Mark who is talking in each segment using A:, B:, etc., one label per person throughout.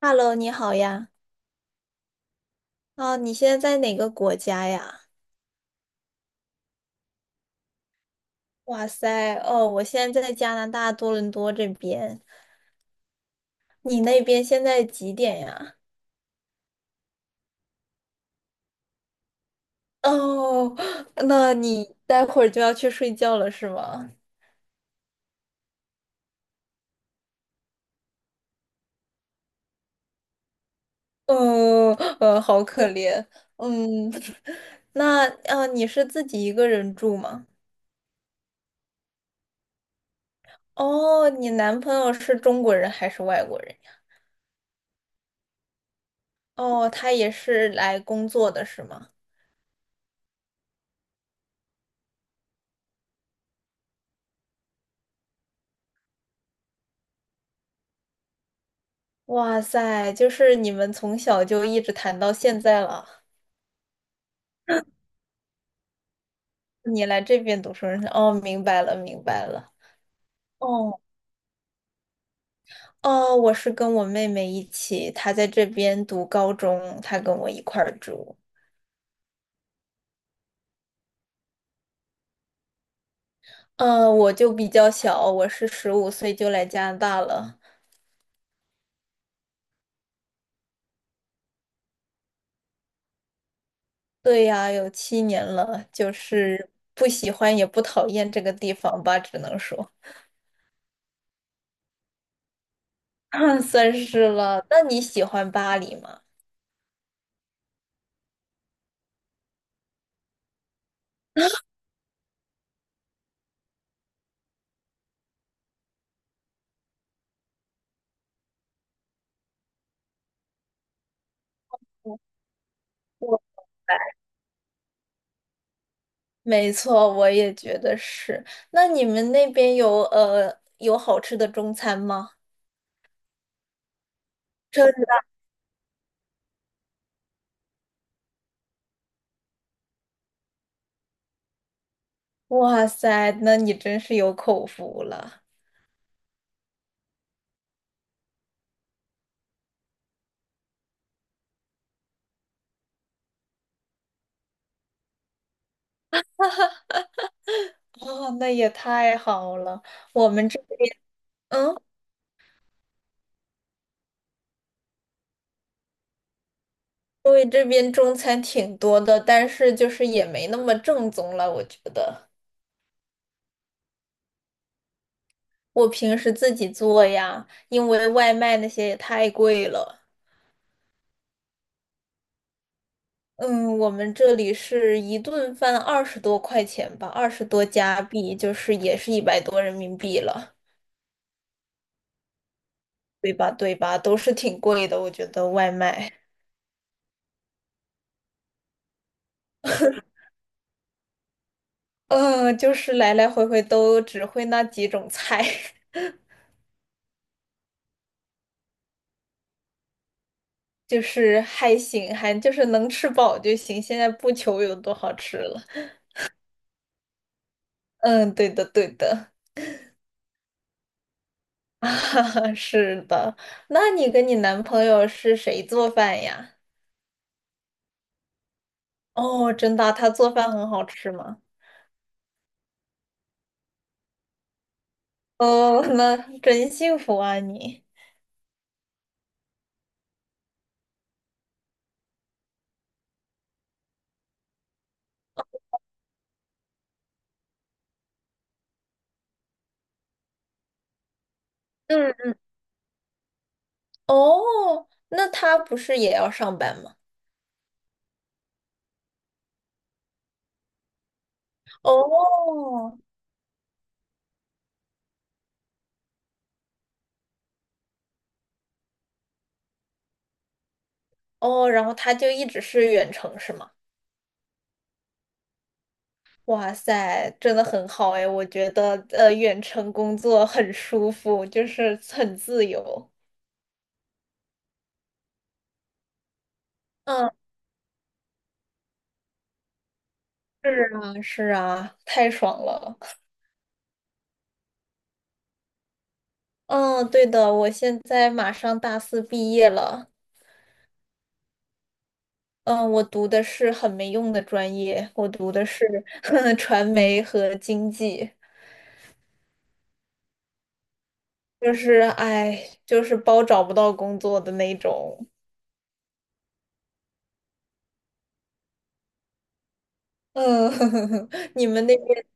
A: Hello，你好呀。哦，你现在在哪个国家呀？哇塞，哦，我现在在加拿大多伦多这边。你那边现在几点呀？哦，那你待会儿就要去睡觉了是吗？嗯，好可怜。嗯，那你是自己一个人住吗？哦，你男朋友是中国人还是外国人呀。哦，他也是来工作的是吗？哇塞，就是你们从小就一直谈到现在了。你来这边读书认识。哦，明白了，明白了。哦，哦，我是跟我妹妹一起，她在这边读高中，她跟我一块儿住。嗯，我就比较小，我是15岁就来加拿大了。对呀，有7年了，就是不喜欢也不讨厌这个地方吧，只能说，算是了。那你喜欢巴黎吗？我。来。没错，我也觉得是。那你们那边有好吃的中餐吗？真的，哇塞，那你真是有口福了。哦，那也太好了。我们这边，嗯，因为这边中餐挺多的，但是就是也没那么正宗了，我觉得。我平时自己做呀，因为外卖那些也太贵了。嗯，我们这里是一顿饭20多块钱吧，20多加币，就是也是100多人民币了，对吧？对吧？都是挺贵的，我觉得外卖，嗯，就是来来回回都只会那几种菜，就是还行，还就是能吃饱就行，现在不求有多好吃了。嗯，对的，对的，啊，是的。那你跟你男朋友是谁做饭呀？哦，真的啊他做饭很好吃吗？哦，那真幸福啊你。嗯，哦，那他不是也要上班吗？哦，哦，然后他就一直是远程是吗？哇塞，真的很好哎，我觉得远程工作很舒服，就是很自由。嗯，是啊，是啊，太爽了。嗯，对的，我现在马上大四毕业了。嗯，我读的是很没用的专业，我读的是 传媒和经济。就是哎，就是包找不到工作的那种。嗯，你们那边，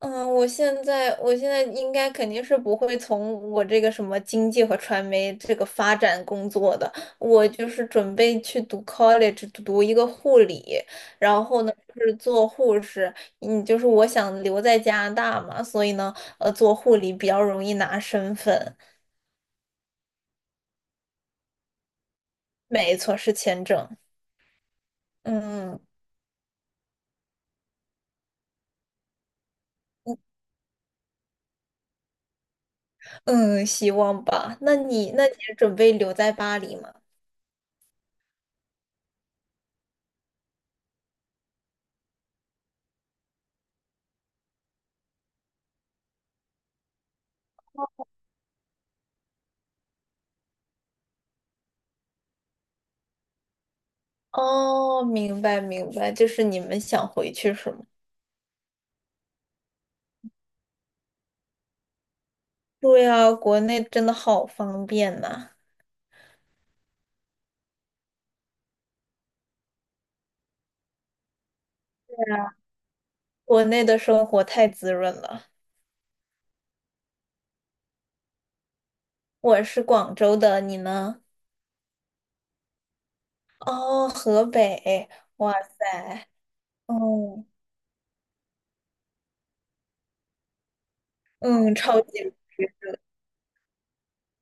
A: 嗯，我现在应该肯定是不会从我这个什么经济和传媒这个发展工作的，我就是准备去读 college 读一个护理，然后呢就是做护士，嗯，就是我想留在加拿大嘛，所以呢，做护理比较容易拿身份，没错，是签证，嗯。嗯，希望吧。那你是准备留在巴黎吗？哦，明白明白，就是你们想回去是吗？对呀，国内真的好方便呐，国内的生活太滋润了。我是广州的，你呢？哦，河北，哇，哦，嗯，超级。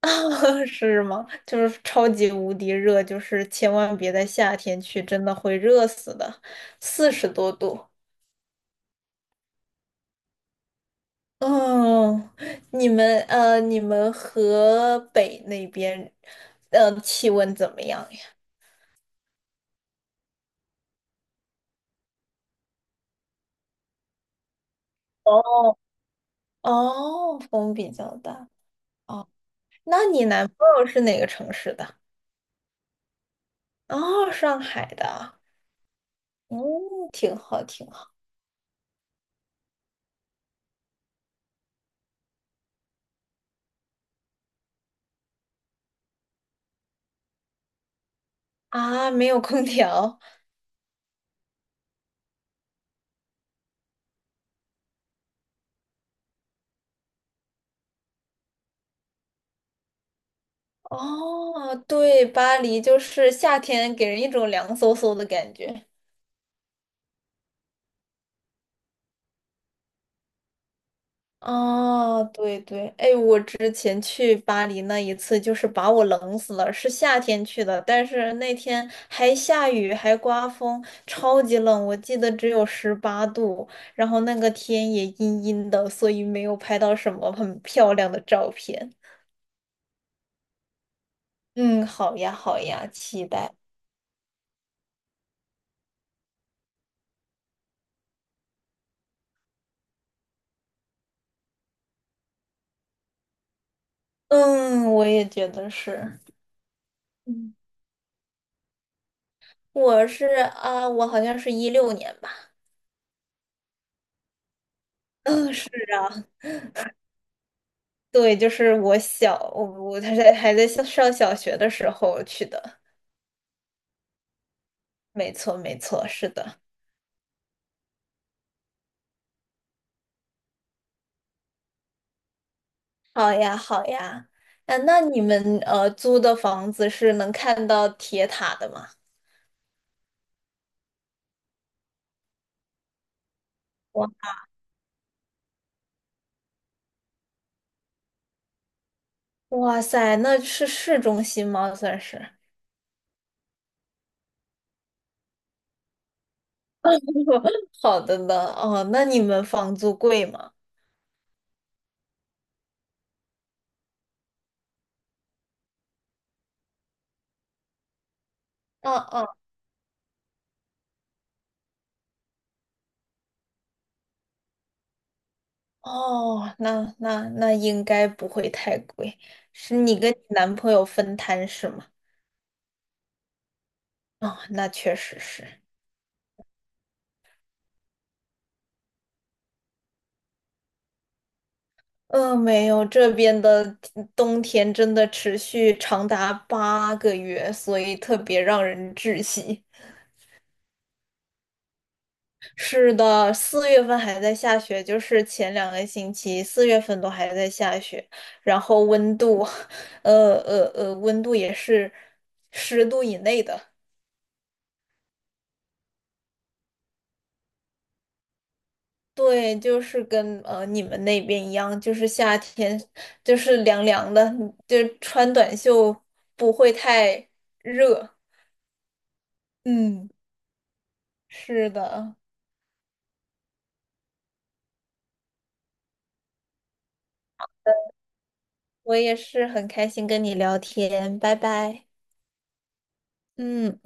A: 是吗？就是超级无敌热，就是千万别在夏天去，真的会热死的，40多度。哦，你们河北那边，气温怎么样呀？哦，哦，风比较大。哦，那你男朋友是哪个城市的？哦，上海的。嗯，挺好，挺好。啊，没有空调。哦，对，巴黎就是夏天给人一种凉飕飕的感觉。哦，对对，哎，我之前去巴黎那一次，就是把我冷死了。是夏天去的，但是那天还下雨，还刮风，超级冷，我记得只有18度，然后那个天也阴阴的，所以没有拍到什么很漂亮的照片。嗯，好呀，好呀，期待。嗯，我也觉得是。嗯，我是啊，我好像是16年吧。嗯，是。对，就是我小，我还在上小学的时候去的，没错没错，是的。好呀好呀，啊，那你们租的房子是能看到铁塔的吗？哇哇塞，那是市中心吗？算是。好的呢，哦，那你们房租贵吗？嗯嗯，哦，那应该不会太贵，是你跟你男朋友分摊是吗？哦，那确实是。没有，这边的冬天真的持续长达8个月，所以特别让人窒息。是的，四月份还在下雪，就是前2个星期四月份都还在下雪，然后温度，温度也是10度以内的。对，就是跟你们那边一样，就是夏天就是凉凉的，就穿短袖不会太热。嗯。是的，我也是很开心跟你聊天，拜拜。嗯。